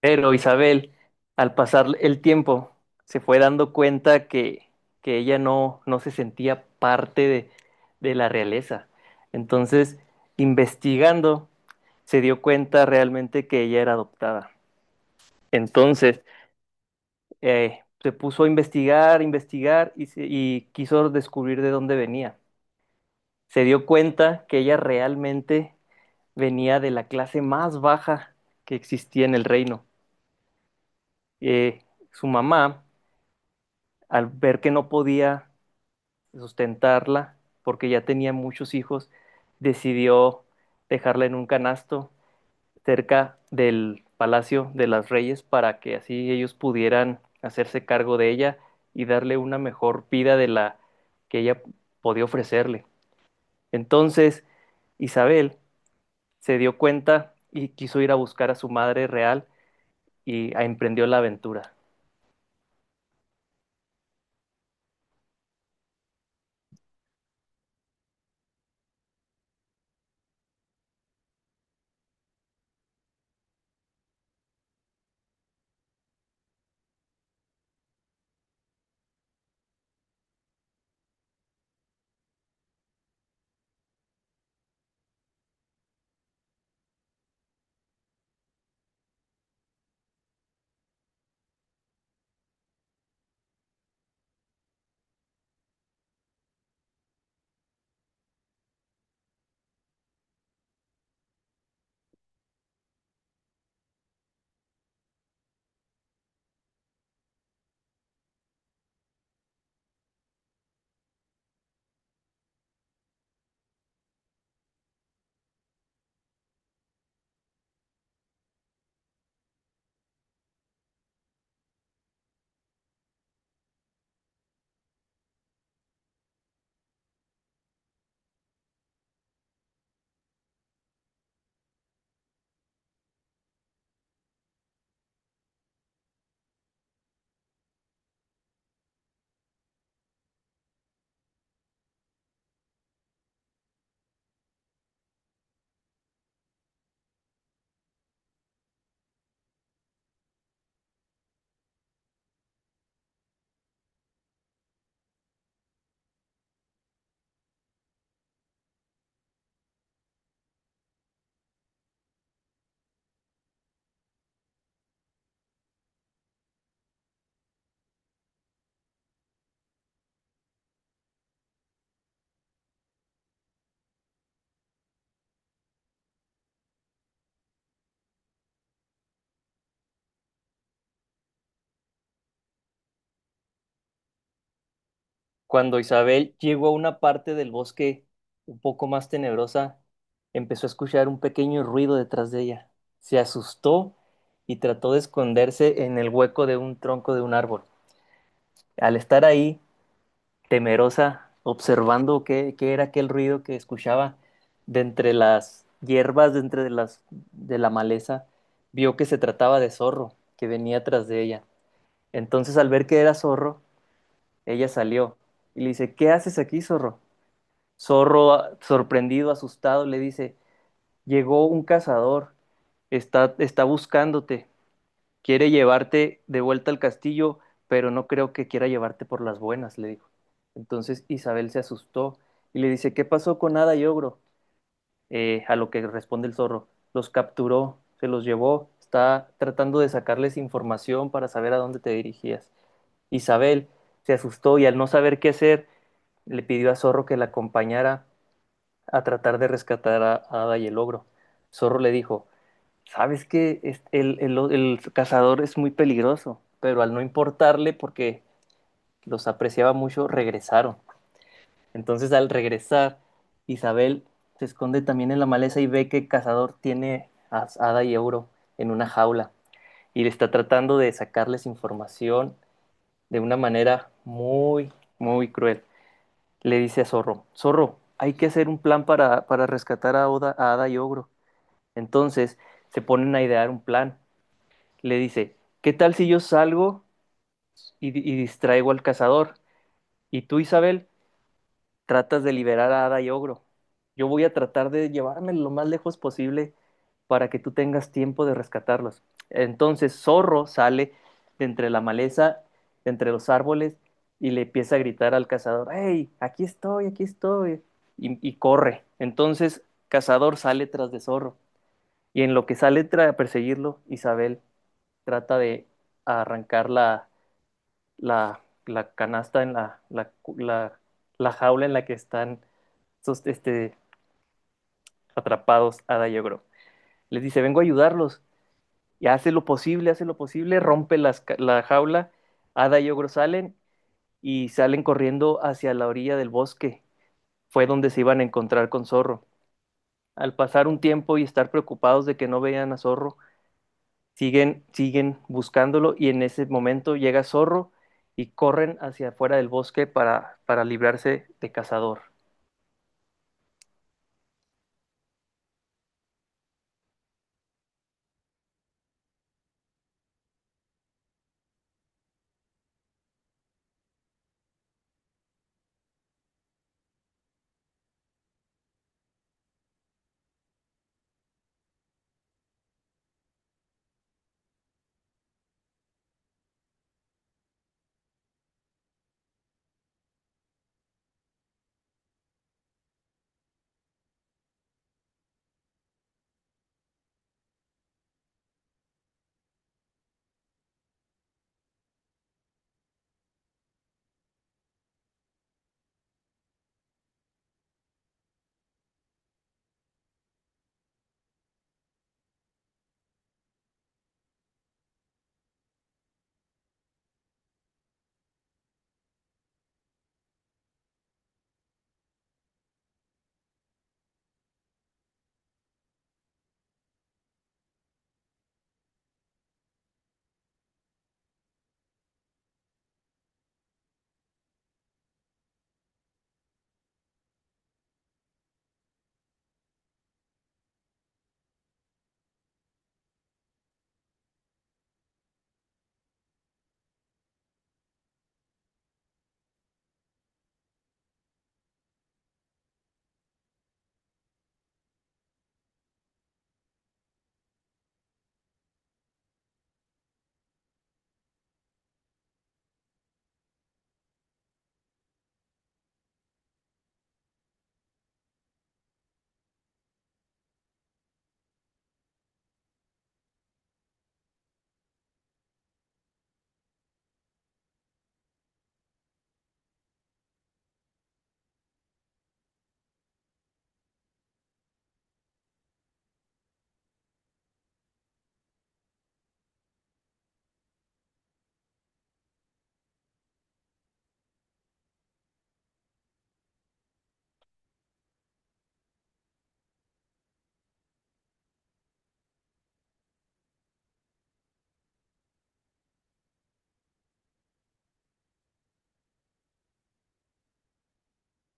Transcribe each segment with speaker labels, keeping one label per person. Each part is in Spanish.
Speaker 1: Pero Isabel, al pasar el tiempo, se fue dando cuenta que ella no se sentía parte de la realeza. Entonces, investigando, se dio cuenta realmente que ella era adoptada. Entonces, se puso a investigar, investigar y, y quiso descubrir de dónde venía. Se dio cuenta que ella realmente venía de la clase más baja que existía en el reino. Eh, su mamá al ver que no podía sustentarla porque ya tenía muchos hijos, decidió dejarla en un canasto cerca del Palacio de las Reyes para que así ellos pudieran hacerse cargo de ella y darle una mejor vida de la que ella podía ofrecerle. Entonces, Isabel se dio cuenta y quiso ir a buscar a su madre real y emprendió la aventura. Cuando Isabel llegó a una parte del bosque un poco más tenebrosa, empezó a escuchar un pequeño ruido detrás de ella. Se asustó y trató de esconderse en el hueco de un tronco de un árbol. Al estar ahí, temerosa, observando qué era aquel ruido que escuchaba de entre las hierbas, de la maleza, vio que se trataba de zorro que venía tras de ella. Entonces, al ver que era zorro, ella salió y le dice, ¿qué haces aquí, zorro? Zorro, sorprendido, asustado, le dice, llegó un cazador, está buscándote, quiere llevarte de vuelta al castillo, pero no creo que quiera llevarte por las buenas, le dijo. Entonces Isabel se asustó y le dice, ¿qué pasó con Hada y Ogro? A lo que responde el zorro, los capturó, se los llevó, está tratando de sacarles información para saber a dónde te dirigías. Isabel se asustó y al no saber qué hacer, le pidió a Zorro que la acompañara a tratar de rescatar a Ada y el ogro. Zorro le dijo, sabes que el cazador es muy peligroso, pero al no importarle, porque los apreciaba mucho, regresaron. Entonces al regresar, Isabel se esconde también en la maleza y ve que el cazador tiene a Ada y Euro en una jaula y le está tratando de sacarles información de una manera muy cruel. Le dice a Zorro, Zorro, hay que hacer un plan para rescatar a Ada y Ogro. Entonces se ponen a idear un plan. Le dice, ¿qué tal si yo salgo y distraigo al cazador? Y tú, Isabel, tratas de liberar a Ada y Ogro. Yo voy a tratar de llevarme lo más lejos posible para que tú tengas tiempo de rescatarlos. Entonces Zorro sale de entre la maleza, de entre los árboles, y le empieza a gritar al cazador, ¡Hey, aquí estoy, aquí estoy! Y corre. Entonces Cazador sale tras de Zorro, y en lo que sale a perseguirlo, Isabel trata de arrancar la canasta en la la jaula en la que están estos, este, atrapados Ada y Ogro. Les dice, vengo a ayudarlos. Y hace lo posible, rompe la jaula. Ada y Ogro salen y salen corriendo hacia la orilla del bosque. Fue donde se iban a encontrar con Zorro. Al pasar un tiempo y estar preocupados de que no vean a Zorro, siguen buscándolo y en ese momento llega Zorro y corren hacia afuera del bosque para librarse de cazador.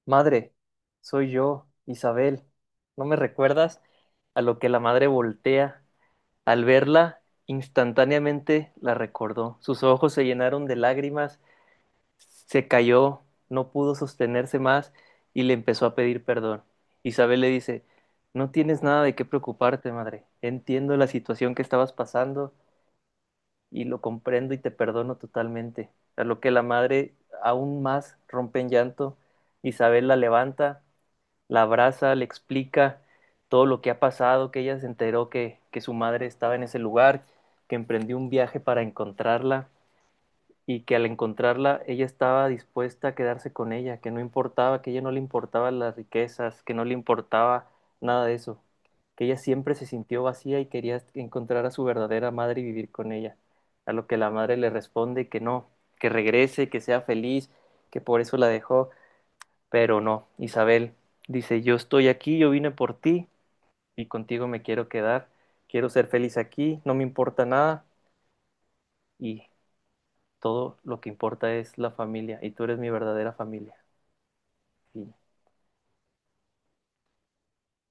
Speaker 1: Madre, soy yo, Isabel. ¿No me recuerdas? A lo que la madre voltea. Al verla, instantáneamente la recordó. Sus ojos se llenaron de lágrimas, se cayó, no pudo sostenerse más y le empezó a pedir perdón. Isabel le dice, no tienes nada de qué preocuparte, madre. Entiendo la situación que estabas pasando y lo comprendo y te perdono totalmente. A lo que la madre aún más rompe en llanto, Isabel la levanta, la abraza, le explica todo lo que ha pasado, que ella se enteró que su madre estaba en ese lugar, que emprendió un viaje para encontrarla y que al encontrarla ella estaba dispuesta a quedarse con ella, que no importaba, que a ella no le importaban las riquezas, que no le importaba nada de eso, que ella siempre se sintió vacía y quería encontrar a su verdadera madre y vivir con ella, a lo que la madre le responde que no, que regrese, que sea feliz, que por eso la dejó, pero no, Isabel dice, yo estoy aquí, yo vine por ti y contigo me quiero quedar, quiero ser feliz aquí, no me importa nada y todo lo que importa es la familia y tú eres mi verdadera familia. Y